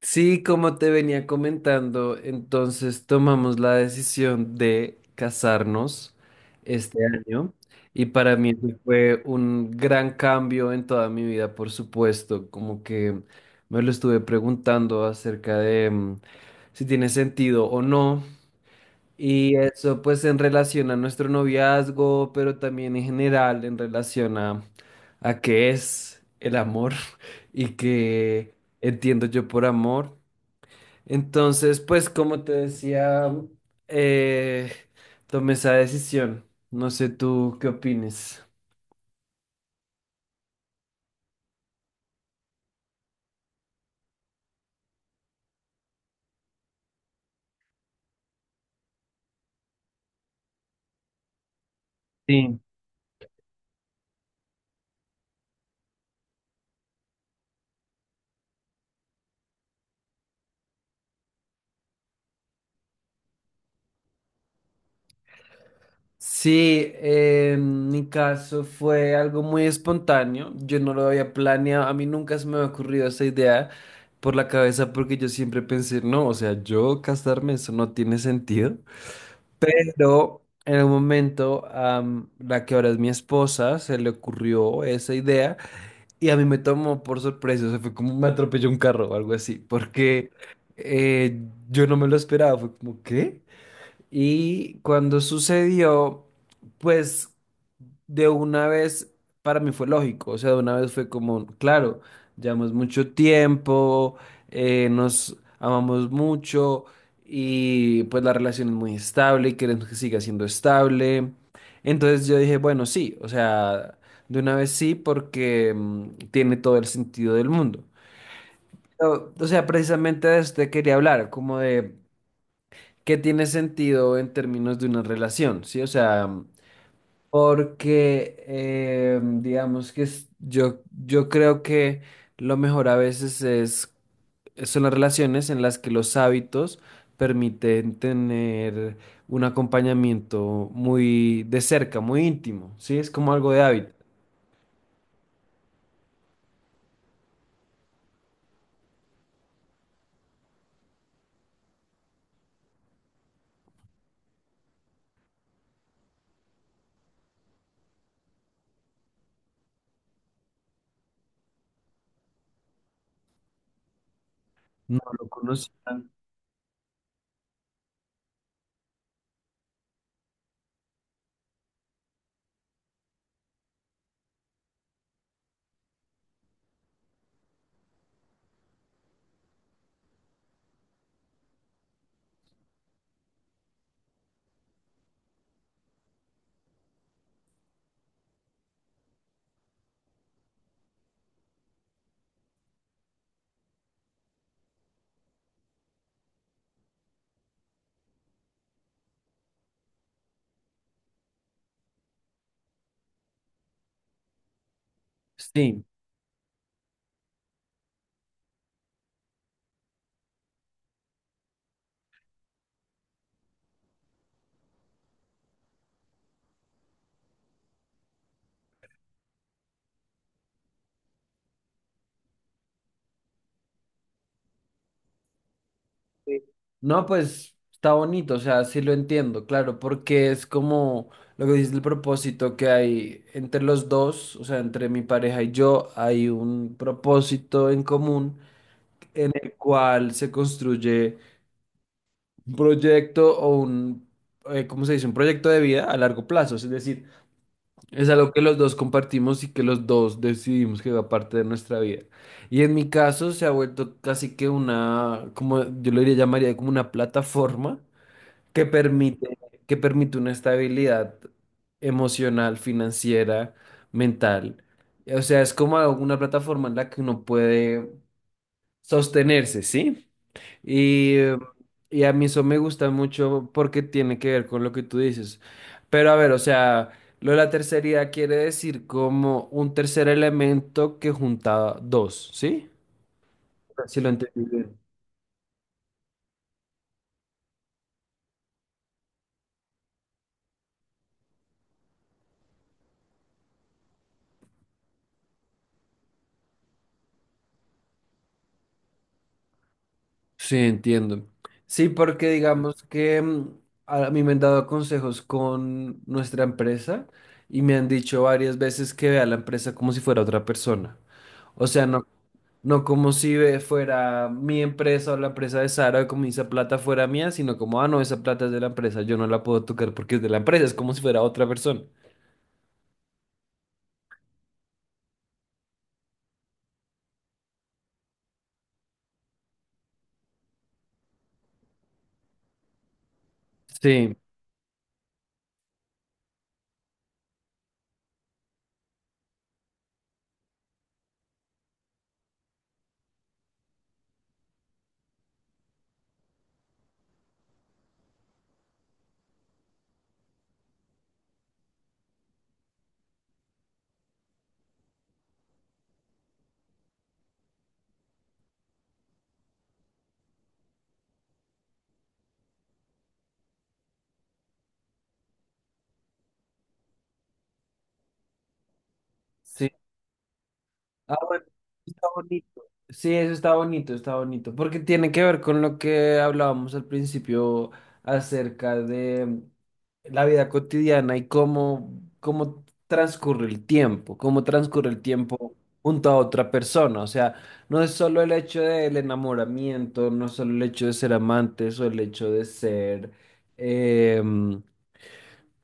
Sí, como te venía comentando, entonces tomamos la decisión de casarnos este año y para mí eso fue un gran cambio en toda mi vida, por supuesto, como que me lo estuve preguntando acerca de si tiene sentido o no y eso pues en relación a nuestro noviazgo, pero también en general en relación a qué es el amor y qué entiendo yo por amor. Entonces, pues como te decía, eh, tomé esa decisión. No sé tú qué opines. Sí, Sí. En mi caso fue algo muy espontáneo. Yo no lo había planeado. A mí nunca se me había ocurrido esa idea por la cabeza porque yo siempre pensé, no, o sea, yo casarme, eso no tiene sentido. Pero en un momento, a la que ahora es mi esposa, se le ocurrió esa idea. Y a mí me tomó por sorpresa, o sea, fue como me atropelló un carro o algo así, porque eh, yo no me lo esperaba, fue como, ¿qué? Y cuando sucedió, pues de una vez para mí fue lógico, o sea, de una vez fue como, claro, llevamos mucho tiempo, nos amamos mucho y pues la relación es muy estable y queremos que siga siendo estable. Entonces yo dije, bueno, sí, o sea, de una vez sí porque tiene todo el sentido del mundo. O sea, precisamente de esto te quería hablar, como de que tiene sentido en términos de una relación, ¿sí? O sea, porque digamos que yo creo que lo mejor a veces es, son las relaciones en las que los hábitos permiten tener un acompañamiento muy de cerca, muy íntimo, ¿sí? Es como algo de hábito. No lo conocían. Sí, sí. No, pues está bonito, o sea, sí lo entiendo, claro, porque es como lo que dice el propósito que hay entre los dos, o sea, entre mi pareja y yo, hay un propósito en común en el cual se construye un proyecto o un, ¿cómo se dice? Un proyecto de vida a largo plazo, es decir, es algo que los dos compartimos y que los dos decidimos que va parte de nuestra vida. Y en mi caso se ha vuelto casi que una, como yo lo diría, llamaría como una plataforma que permite, que permite una estabilidad emocional, financiera, mental. O sea, es como una plataforma en la que uno puede sostenerse, ¿sí? Y, eh, y a mí eso me gusta mucho porque tiene que ver con lo que tú dices. Pero a ver, o sea, lo de la tercería quiere decir como un tercer elemento que junta dos, ¿sí? Si lo entendí bien. Sí, entiendo. Sí, porque digamos que a mí me han dado consejos con nuestra empresa y me han dicho varias veces que vea la empresa como si fuera otra persona. O sea, no como si fuera mi empresa o la empresa de Sara, como esa plata fuera mía, sino como, ah, no, esa plata es de la empresa, yo no la puedo tocar porque es de la empresa, es como si fuera otra persona. Sí, sí, ah, bueno, está bonito. Sí, eso está bonito, porque tiene que ver con lo que hablábamos al principio acerca de la vida cotidiana y cómo, cómo transcurre el tiempo, cómo transcurre el tiempo junto a otra persona. O sea, no es solo el hecho del enamoramiento, no es solo el hecho de ser amantes o el hecho de ser, em,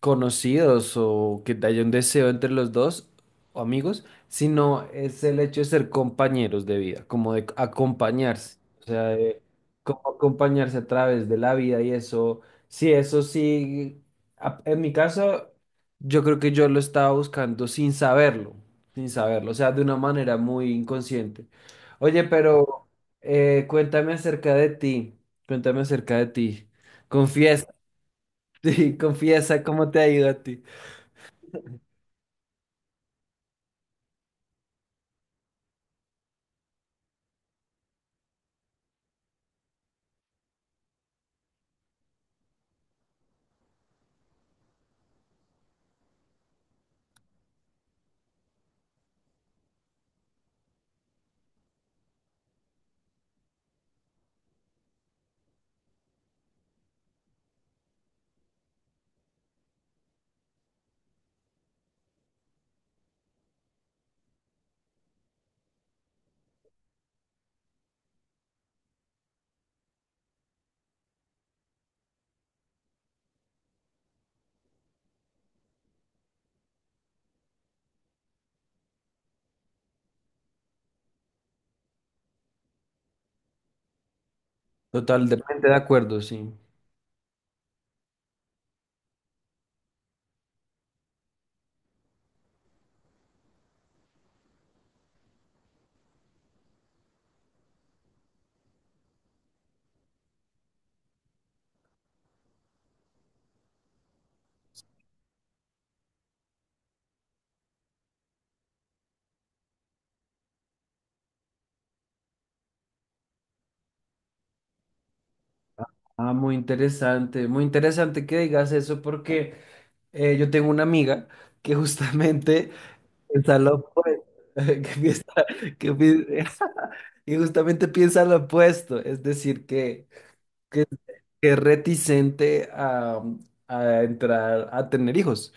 conocidos o que haya un deseo entre los dos o amigos, sino es el hecho de ser compañeros de vida, como de acompañarse, o sea, de como acompañarse a través de la vida y eso sí, en mi caso, yo creo que yo lo estaba buscando sin saberlo, sin saberlo, o sea, de una manera muy inconsciente. Oye, pero cuéntame acerca de ti, cuéntame acerca de ti, confiesa. Sí, confiesa cómo te ha ido a ti. Totalmente de acuerdo, sí. Ah, muy interesante que digas eso porque yo tengo una amiga que justamente piensa lo opuesto, que piensa- que pi- que justamente piensa lo opuesto, es decir, que que es reticente a entrar a tener hijos.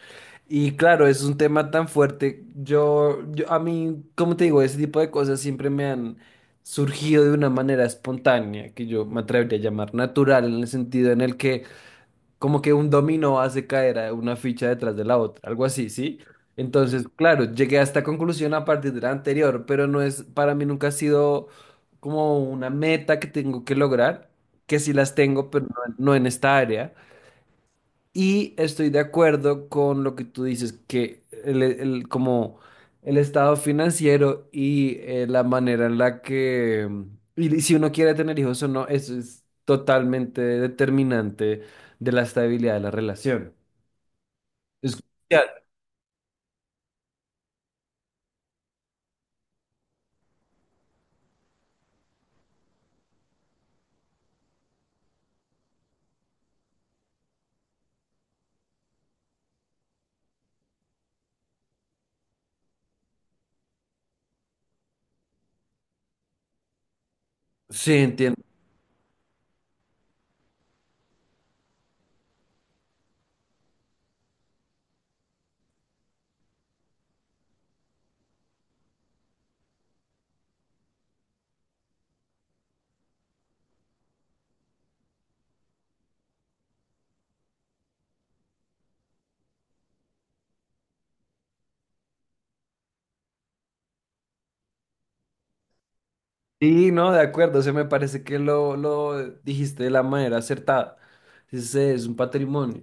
Y claro, es un tema tan fuerte. Yo, a mí, como te digo, ese tipo de cosas siempre me han surgido de una manera espontánea, que yo me atrevería a llamar natural, en el sentido en el que como que un dominó hace caer a una ficha detrás de la otra, algo así, ¿sí? Entonces, claro, llegué a esta conclusión a partir de la anterior, pero no es, para mí nunca ha sido como una meta que tengo que lograr, que sí las tengo, pero no, no en esta área. Y estoy de acuerdo con lo que tú dices, que como el estado financiero y la manera en la que, y si uno quiere tener hijos o no, eso es totalmente determinante de la estabilidad de la relación. Es crucial. Sí, sí, no, de acuerdo, se me parece que lo dijiste de la manera acertada. Ese es un patrimonio.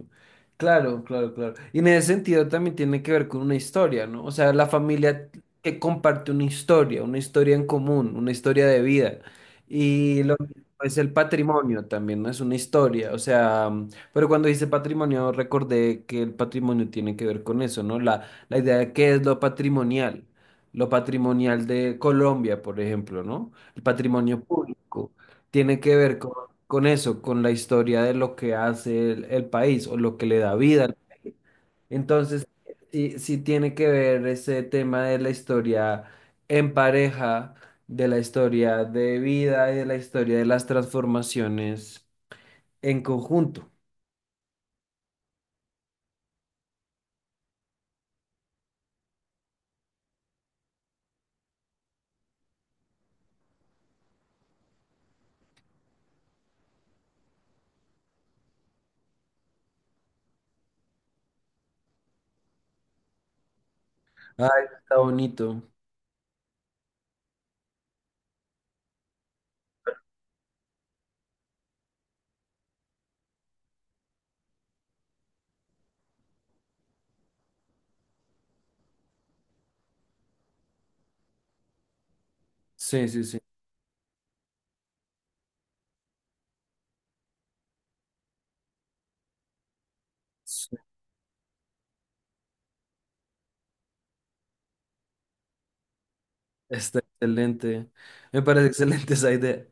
Claro, claro, claro. Y en ese sentido también tiene que ver con una historia, ¿no? O sea, la familia que comparte una historia en común, una historia de vida. Y lo mismo es el patrimonio también, ¿no? Es una historia, o sea, pero cuando dice patrimonio recordé que el patrimonio tiene que ver con eso, ¿no? La idea de qué es lo patrimonial de Colombia, por ejemplo, ¿no? El patrimonio público tiene que ver con eso, con la historia de lo que hace el país o lo que le da vida. Entonces, sí, sí tiene que ver ese tema de la historia en pareja, de la historia de vida y de la historia de las transformaciones en conjunto. Ay, está bonito. Sí, sí, sí. Sí, está excelente. Me parece excelente esa idea.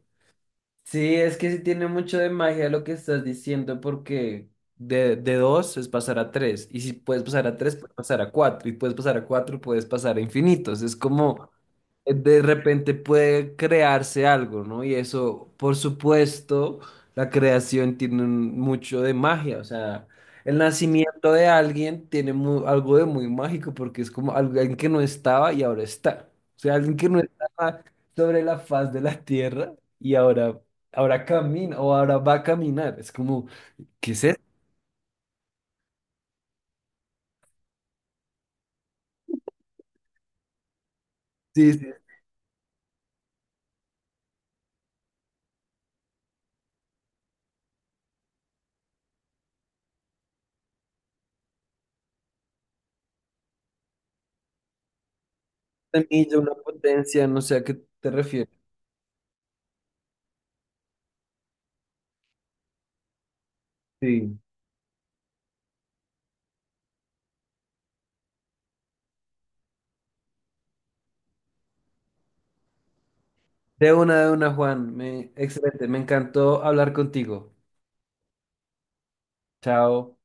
Sí, es que sí tiene mucho de magia lo que estás diciendo, porque de dos es pasar a tres, y si puedes pasar a tres, puedes pasar a cuatro, y puedes pasar a cuatro, puedes pasar a infinitos. Es como de repente puede crearse algo, ¿no? Y eso, por supuesto, la creación tiene mucho de magia, o sea, el nacimiento de alguien tiene algo de muy mágico, porque es como alguien que no estaba y ahora está. O sea, alguien que no estaba sobre la faz de la tierra y ahora ahora camina o ahora va a caminar. Es como, ¿qué es eso? Sí, sí, una milla, una potencia, no sé a qué te refieres. Sí. De una, Juan. Me, excelente, me encantó hablar contigo. Chao.